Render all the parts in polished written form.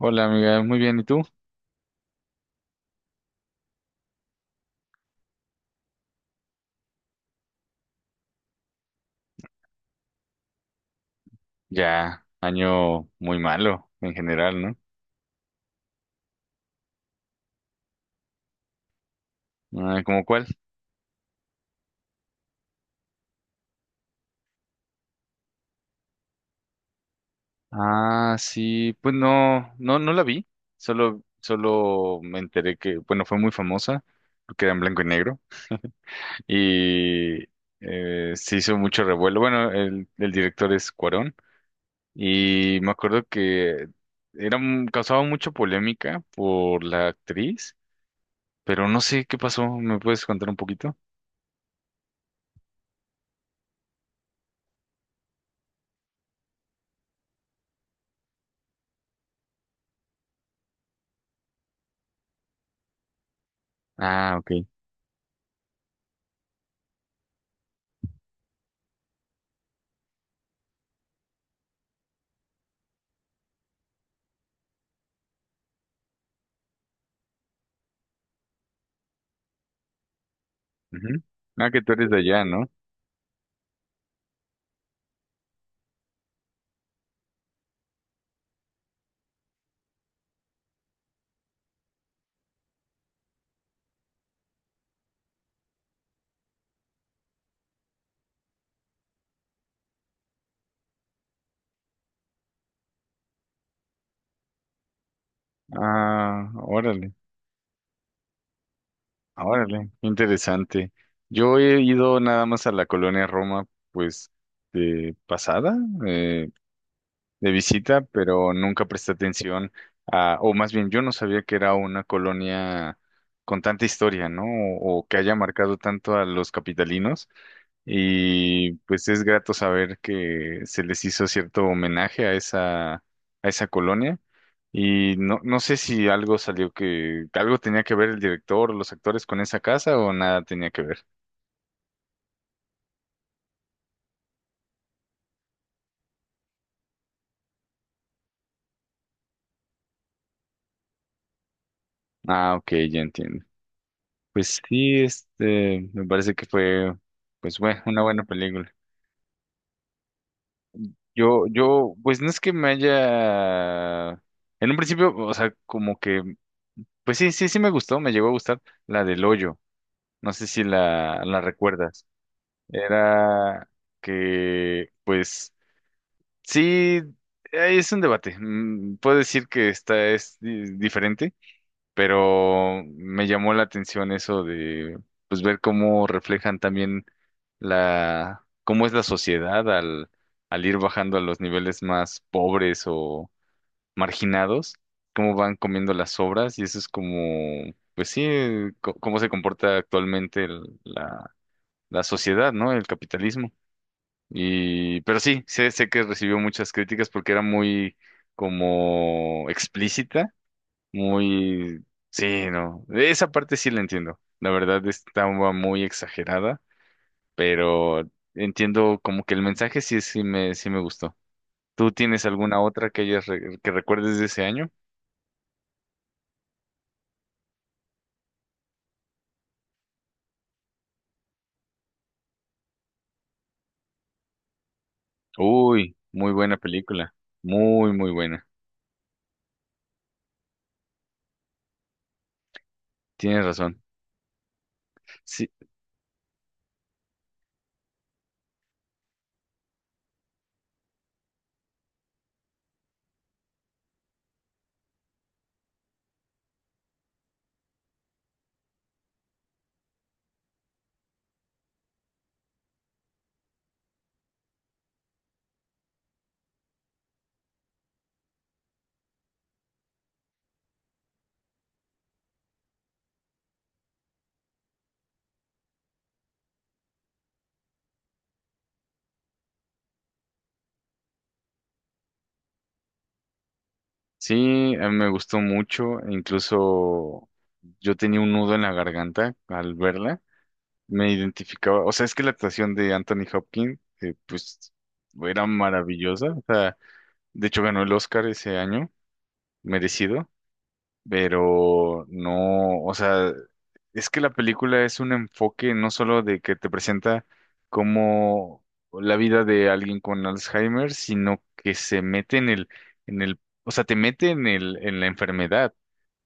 Hola amiga, muy bien, ¿y tú? Ya, año muy malo en general, ¿no? Ah, ¿cómo cuál? Ah, sí, pues no la vi, solo me enteré que, bueno, fue muy famosa, porque era en blanco y negro, y se hizo mucho revuelo. Bueno, el director es Cuarón, y me acuerdo que era, causaba mucha polémica por la actriz, pero no sé qué pasó, ¿me puedes contar un poquito? Ah, ok. Ujú. Ah, que tú eres de allá, ¿no? Ah, órale, órale, interesante. Yo he ido nada más a la colonia Roma, pues, de pasada, eh, de visita, pero nunca presté atención a, o más bien yo no sabía que era una colonia con tanta historia, ¿no? O que haya marcado tanto a los capitalinos. Y pues es grato saber que se les hizo cierto homenaje a esa colonia. Y no, no sé si algo salió que algo tenía que ver el director o los actores con esa casa o nada tenía que ver. Ah, ok, ya entiendo. Pues sí, este, me parece que fue, pues bueno, una buena película. Pues no es que me haya, en un principio, o sea, como que, pues sí me gustó, me llegó a gustar la del hoyo. No sé si la recuerdas. Era que, pues sí, es un debate. Mm, puedo decir que esta es diferente, pero me llamó la atención eso de pues ver cómo reflejan también la cómo es la sociedad al ir bajando a los niveles más pobres o marginados, cómo van comiendo las obras y eso es como pues sí, cómo se comporta actualmente la la sociedad, ¿no? El capitalismo. Y, pero sí, sé que recibió muchas críticas porque era muy como explícita, muy, sí, no, esa parte sí la entiendo. La verdad estaba muy exagerada, pero entiendo como que el mensaje sí, sí me gustó. ¿Tú tienes alguna otra que hayas que recuerdes de ese año? Uy, muy buena película, muy buena. Tienes razón. Sí, sí, a mí me gustó mucho, incluso yo tenía un nudo en la garganta al verla, me identificaba, o sea, es que la actuación de Anthony Hopkins, pues, era maravillosa, o sea, de hecho ganó el Oscar ese año, merecido, pero no, o sea, es que la película es un enfoque no solo de que te presenta como la vida de alguien con Alzheimer, sino que se mete en el, o sea, te mete en el, en la enfermedad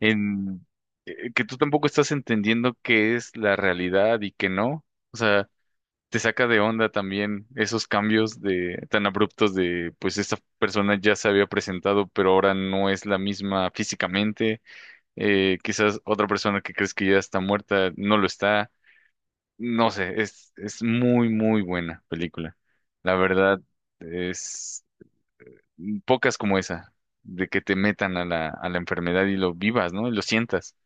en que tú tampoco estás entendiendo qué es la realidad y qué no. O sea, te saca de onda también esos cambios de tan abruptos de pues esta persona ya se había presentado, pero ahora no es la misma físicamente. Quizás otra persona que crees que ya está muerta no lo está. No sé, es muy, muy buena película. La verdad, es pocas como esa, de que te metan a a la enfermedad y lo vivas, ¿no? Y lo sientas.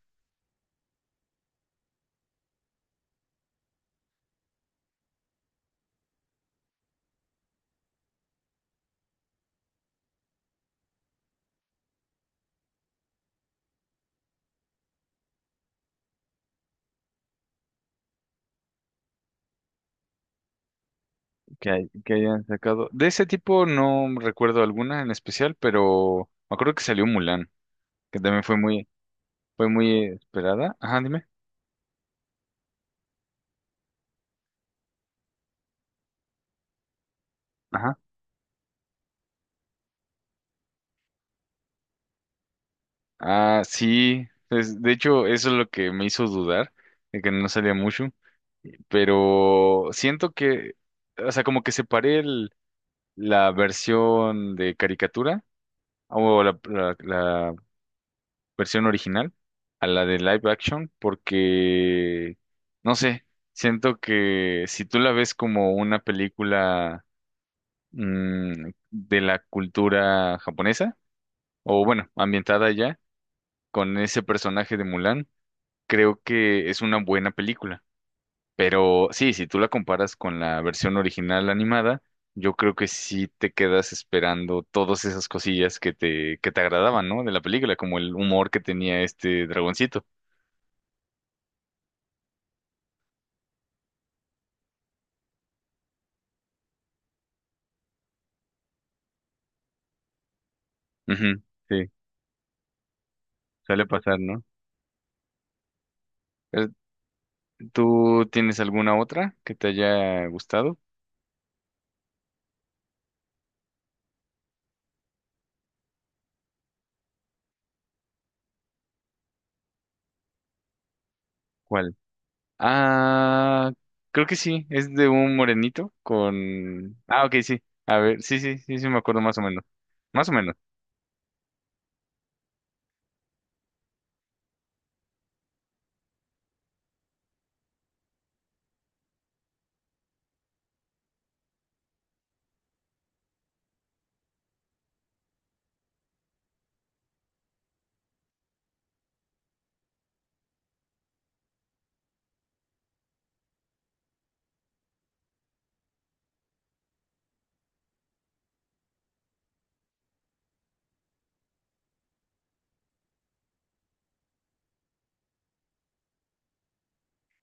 Que, que hayan sacado. De ese tipo no recuerdo alguna en especial, pero me acuerdo que salió Mulan, que también fue muy esperada. Ajá, dime. Ajá. Ah, sí. Es- de hecho, eso es lo que me hizo dudar, de que no salía mucho. Pero siento que, o sea, como que separé la versión de caricatura o la, versión original a la de live action porque, no sé, siento que si tú la ves como una película de la cultura japonesa, o bueno, ambientada ya, con ese personaje de Mulan, creo que es una buena película. Pero sí, si tú la comparas con la versión original animada, yo creo que sí te quedas esperando todas esas cosillas que te agradaban, ¿no? De la película, como el humor que tenía este dragoncito. Ujú, sí, suele pasar, ¿no? Eh, ¿tú tienes alguna otra que te haya gustado? ¿Cuál? Ah, creo que sí, es de un morenito con... Ah, ok, sí. A ver, sí, me acuerdo más o menos. Más o menos.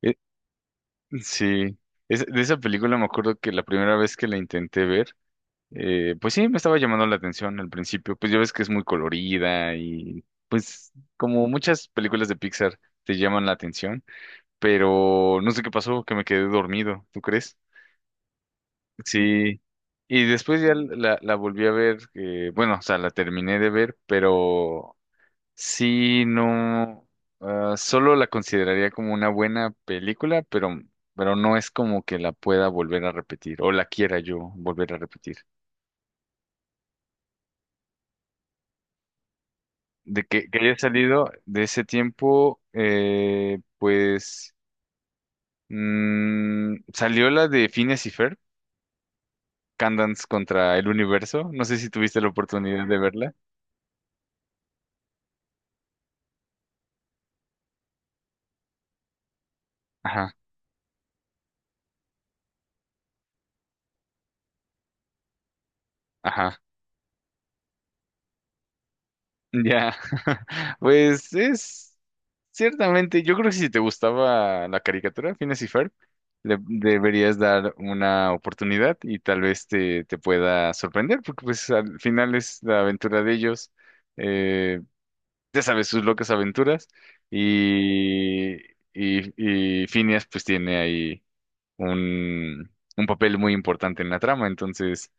Eh, sí, es, de esa película me acuerdo que la primera vez que la intenté ver, pues sí, me estaba llamando la atención al principio. Pues ya ves que es muy colorida y pues como muchas películas de Pixar te llaman la atención. Pero no sé qué pasó, que me quedé dormido, ¿tú crees? Sí. Y después ya la volví a ver, bueno, o sea, la terminé de ver, pero sí, no, ah, solo la consideraría como una buena película, pero no es como que la pueda volver a repetir o la quiera yo volver a repetir. De que haya salido de ese tiempo, pues salió la de Phineas y Ferb, Candance contra el universo. No sé si tuviste la oportunidad de verla. Ajá, ajá. Ya. Pues es ciertamente, yo creo que si te gustaba la caricatura, Phineas y Ferb, le deberías dar una oportunidad y tal vez te pueda sorprender, porque pues al final es la aventura de ellos. Eh, ya sabes, sus locas aventuras. Y, y Phineas pues tiene ahí un, un papel muy importante en la trama. Entonces.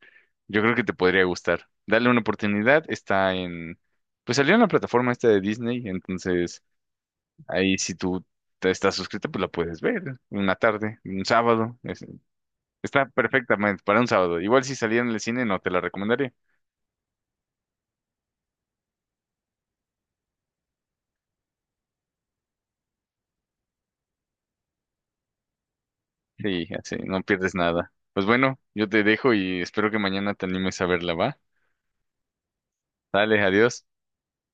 Yo creo que te podría gustar. Dale una oportunidad. Está en... Pues salió en la plataforma esta de Disney, entonces ahí si tú te estás suscrita, pues la puedes ver una tarde, un sábado. Es- está perfectamente para un sábado. Igual si saliera en el cine, no te la recomendaría. Sí, así, no pierdes nada. Pues bueno, yo te dejo y espero que mañana te animes a verla, ¿va? Dale, adiós.